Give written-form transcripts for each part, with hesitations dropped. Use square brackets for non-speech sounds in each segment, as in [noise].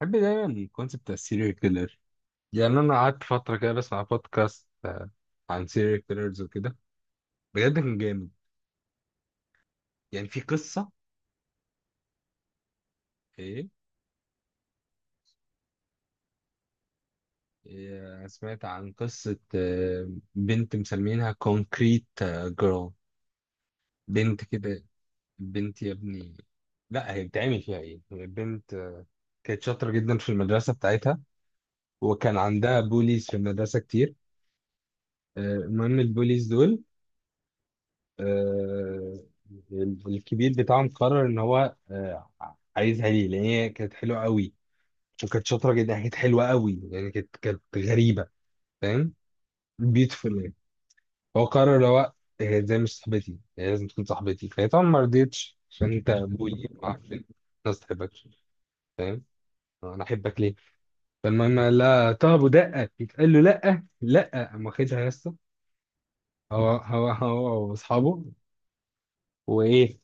بحب دايما الكونسيبت بتاع السيريال كيلر. يعني انا قعدت فتره كده بسمع بودكاست عن سيريال كيلرز وكده. بجد كان جامد. يعني في قصه. ايه. إيه، سمعت عن قصه بنت مسمينها كونكريت جيرل. بنت كده، بنت يا ابني. لا هي بتعمل فيها ايه، هي بنت. كانت شاطره جدا في المدرسه بتاعتها، وكان عندها بوليز في المدرسه كتير. المهم البوليز دول، آه، الكبير بتاعهم قرر ان هو عايزها، ليه؟ لان هي كانت حلوه قوي، وكانت شاطره جدا، كانت حلوه قوي يعني، كانت غريبه، فاهم؟ بيوتيفول يعني. هو قرر اللي هو، هي ازاي مش صاحبتي؟ هي لازم تكون صاحبتي. فهي طبعا ما رضيتش، عشان انت ابوي معرفش، الناس تحبكش، فاهم؟ انا احبك ليه؟ فالمهم قال لها طب، ودقه يتقال له لا لا، قام واخدها يا اسطى. هو واصحابه، وايه،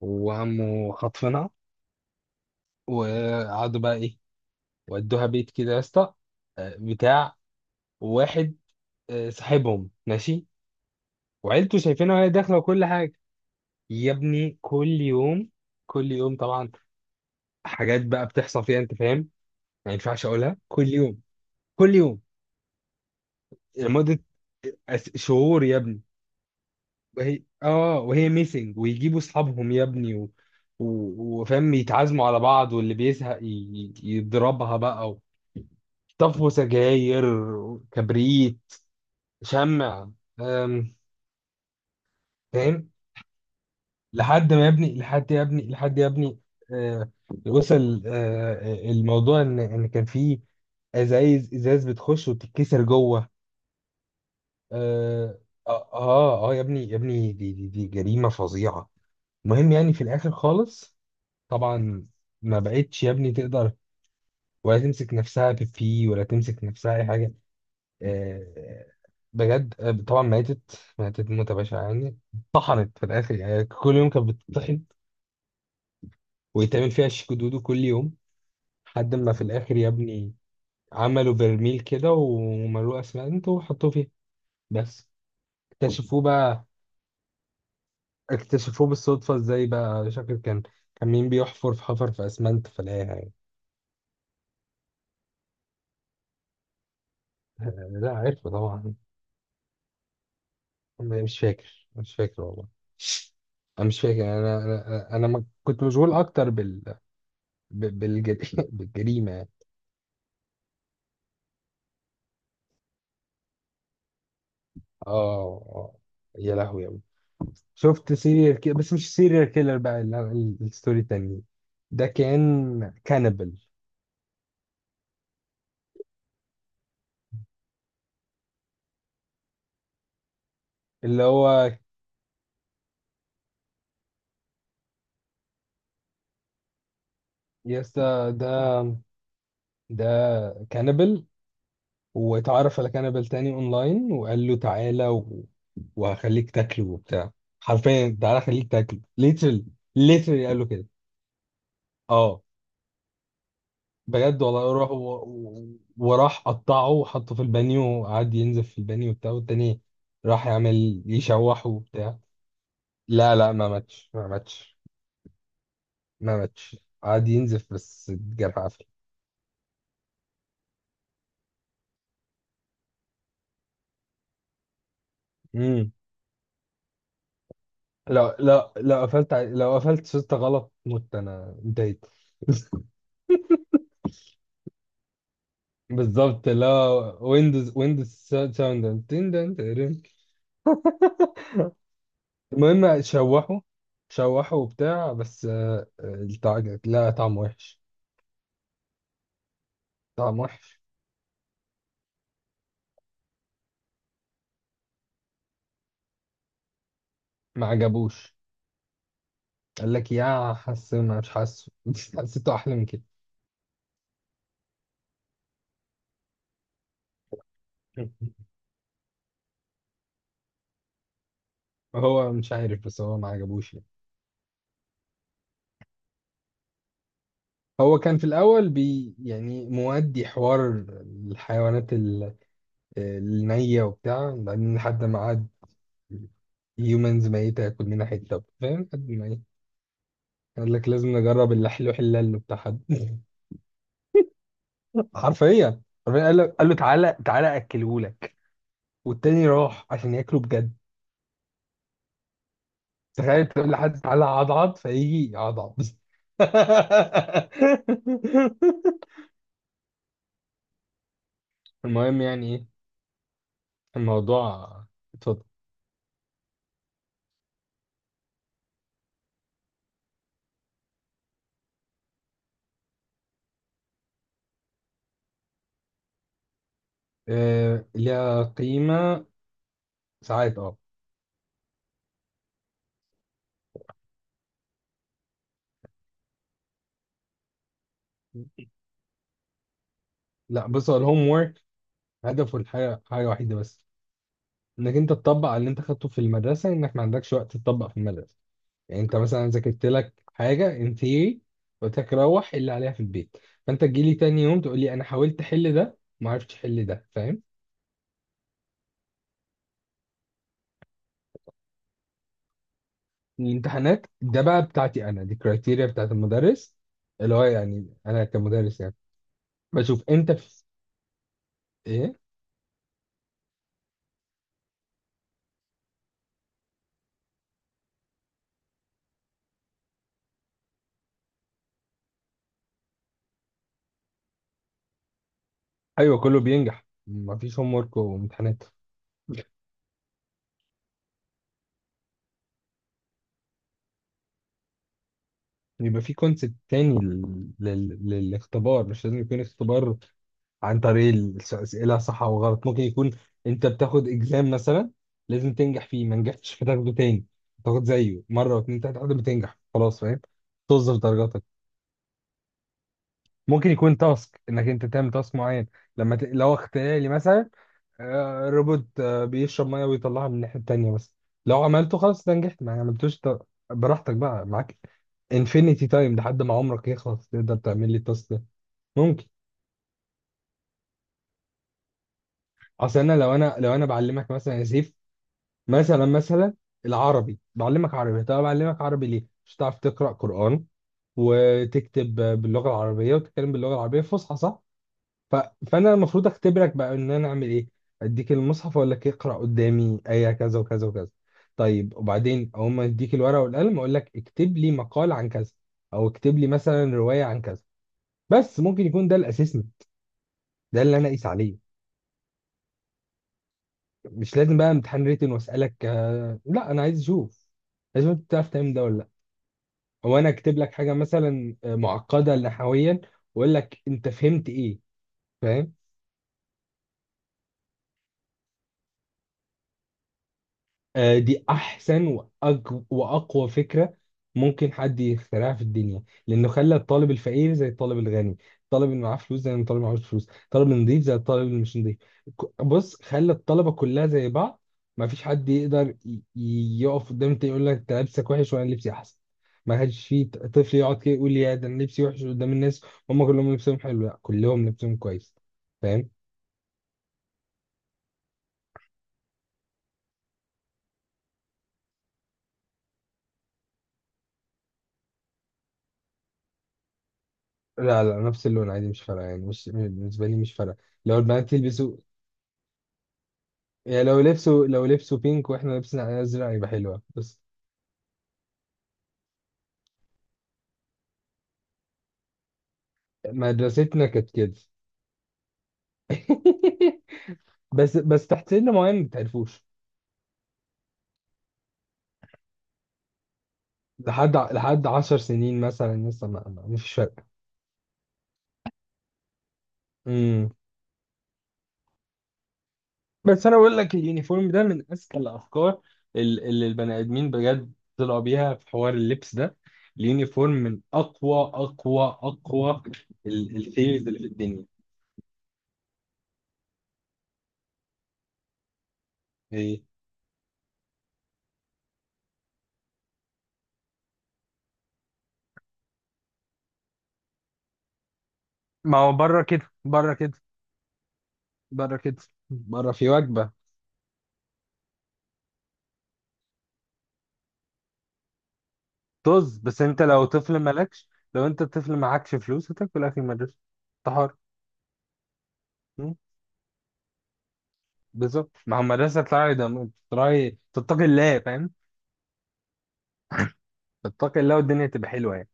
وعمه خطفنا، وقعدوا بقى ايه، ودوها بيت كده يا اسطى، بتاع واحد، صاحبهم ماشي، وعيلته شايفينها وهي داخله وكل حاجه. يا ابني كل يوم، كل يوم طبعا حاجات بقى بتحصل فيها، انت فاهم، ما ينفعش اقولها. كل يوم، كل يوم، لمده شهور يا ابني. وهي اه وهي ميسنج، ويجيبوا اصحابهم يا ابني و... و... وفاهم يتعازموا على بعض، واللي بيزهق يضربها بقى و... طفوا سجاير، كبريت، شمع، أم، فاهم. لحد ما يا ابني، لحد يا ابني، لحد يا ابني، آه، وصل الموضوع ان كان في ازايز، ازاز بتخش وتتكسر جوه. اه اه، يا ابني يا ابني، دي جريمه فظيعه. المهم يعني في الاخر خالص، طبعا ما بقتش يا ابني تقدر، ولا تمسك نفسها بيبي، ولا تمسك نفسها اي حاجه. آه، بجد، طبعا ماتت، ماتت موتة بشعة يعني، طحنت في الآخر يعني، كل يوم كانت بتطحن، ويتعمل فيها شيكو دودو كل يوم. لحد ما في الآخر يا ابني عملوا برميل كده، وملوه أسمنت وحطوه فيها بس. اكتشفوه بقى، اكتشفوه بالصدفة، ازاي بقى؟ شكل كان، كان مين بيحفر في، حفر في أسمنت فلاقيها. يعني لا، عارفه طبعا. مش فاكر، مش فاكر والله. انا مش فاكر، انا انا انا أنا ما كنت مشغول اكتر بال، ب- بالج... [laughs] بالجريمة اه. آه. يا لهوي أوي. شفت سيريال كيلر، بس مش سيريال كيلر بقى، الستوري التانية، ده كان كانبل. اللي هو، يا اسطى ده، ده كانبل. واتعرف على كانبل تاني اونلاين، وقال له تعالى و... وهخليك تاكله وبتاع، حرفيا تعالى خليك تاكله، ليترلي، ليترلي قال له كده. اه بجد والله، راح و... و... وراح قطعه وحطه في البانيو، وقعد ينزف في البانيو وبتاع، والتاني راح يعمل يشوحه وبتاع. لا لا، ما ماتش ما ماتش. قعد ينزف بس الجرح قفل. امم لو لو قفلت شطة غلط، مت، انا انتهيت. [laughs] بالظبط. لا، ويندوز، ويندوز ساوند تن- تن- تن- المهم شوحه، شوحه وبتاع، بس لا طعم وحش، طعم وحش، ما عجبوش. قال لك يا حاسه، ما مش حاسه، [laughs] حسيته احلى من كده. هو مش عارف، بس هو ما عجبوش يعني. هو كان في الاول بي يعني مودي حوار الحيوانات النية وبتاع، بعدين لحد ما قعد هيومنز ميتة، ياكل منها حتة، فاهم، لحد ما ايه، قال لك لازم نجرب اللحلو حلال بتاع حد. [laughs] حرفيا حرفيا، قال له، قال له تعالى، تعالى اكلهولك، والتاني راح عشان ياكله بجد. تخيل تقول لحد تعالى عضعض، فيجي يعضعض. [laughs] المهم يعني ايه الموضوع. اتفضل. آه ليها قيمة، ساعات اه. لا بص، هو الهوم ورك هدفه الحاجة، حاجة وحيدة بس، انك انت تطبق على اللي انت خدته في المدرسة، انك ما عندكش وقت تطبق في المدرسة. يعني انت مثلا ذاكرت لك حاجة ان ثيوري، قلت لك روح اللي عليها في البيت، فانت تجي لي تاني يوم تقول لي انا حاولت احل ده، ما عرفتش احل ده، فاهم. الامتحانات ده بقى بتاعتي انا، دي كرايتيريا بتاعت المدرس، اللي هو يعني انا كمدرس يعني بشوف انت في ايه. ايوه كله بينجح مفيش هوم ورك وامتحانات. يبقى في كونسيبت تاني للاختبار. مش لازم يكون اختبار عن طريق الأسئلة صح أو غلط. ممكن يكون أنت بتاخد إكزام مثلا، لازم تنجح فيه، ما نجحتش فتاخده تاني، تاخد زيه مرة واتنين تلاتة لحد ما تنجح خلاص، فاهم. توظف درجاتك. ممكن يكون تاسك، انك انت تعمل تاسك معين، لما ت... لو اختياري مثلا، روبوت بيشرب ميه ويطلعها من الناحيه التانيه بس، لو عملته خلاص ده نجحت، ما عملتوش ت...، براحتك بقى، معاك انفينيتي تايم لحد ما عمرك يخلص، تقدر تعمل لي التاسك ده ممكن. اصل انا، لو انا بعلمك مثلا يا سيف، مثلا، مثلا، العربي، بعلمك عربي، طب بعلمك عربي ليه؟ مش هتعرف تقرا قران، وتكتب باللغه العربيه، وتتكلم باللغه العربيه الفصحى، صح؟ ف... فانا المفروض اختبرك بقى، ان انا اعمل ايه، اديك المصحف واقول لك اقرا قدامي ايه، كذا وكذا وكذا. طيب وبعدين اول ما اديك الورقه والقلم اقول لك اكتب لي مقال عن كذا، او اكتب لي مثلا روايه عن كذا. بس ممكن يكون ده الاساسي، ده اللي انا اقيس عليه. مش لازم بقى امتحان ريتن واسالك لا، انا عايز اشوف لازم انت تعرف تعمل ده ولا لا. او انا اكتب لك حاجه مثلا معقده نحويا واقول لك انت فهمت ايه، فاهم. دي احسن واقوى فكره ممكن حد يخترعها في الدنيا، لانه خلى الطالب الفقير زي الطالب الغني، الطالب اللي معاه فلوس زي الطالب اللي معهوش فلوس، الطالب النظيف زي الطالب اللي مش نظيف. بص خلى الطلبه كلها زي بعض، ما فيش حد يقدر يقف قدام التاني يقول لك انت لبسك وحش وانا لبسي احسن. ما كانش في طفل يقعد كده يقول يا ده انا لبسي وحش قدام الناس، هم كلهم لبسهم حلو، لا كلهم لبسهم كويس، فاهم. لا لا، نفس اللون عادي مش فارقه يعني، مش بالنسبه لي مش فارقه. لو البنات يلبسوا يعني، لو لبسوا بينك، واحنا لابسين علينا ازرق، هيبقى حلوه بس. مدرستنا كانت كده. [laughs] بس بس تحت سن معين ما تعرفوش. لحد لحد 10 سنين مثلا لسه مفيش فرق. امم بس انا بقول لك اليونيفورم ده من اذكى الافكار اللي البني ادمين بجد طلعوا بيها، في حوار اللبس ده اليونيفورم من اقوى اقوى اقوى الثيريز اللي في الدنيا. إيه؟ ما هو بره كده، بره كده، بره كده، بره في وجبه. طز، بس انت لو طفل مالكش، لو انت طفل معكش فلوس هتاكل اكل المدرسه، انت حر. مم. بالظبط، مع المدرسه تطلعي ده، تطلعي تتقي الله، فاهم، تتقي الله، والدنيا تبقى حلوه يعني.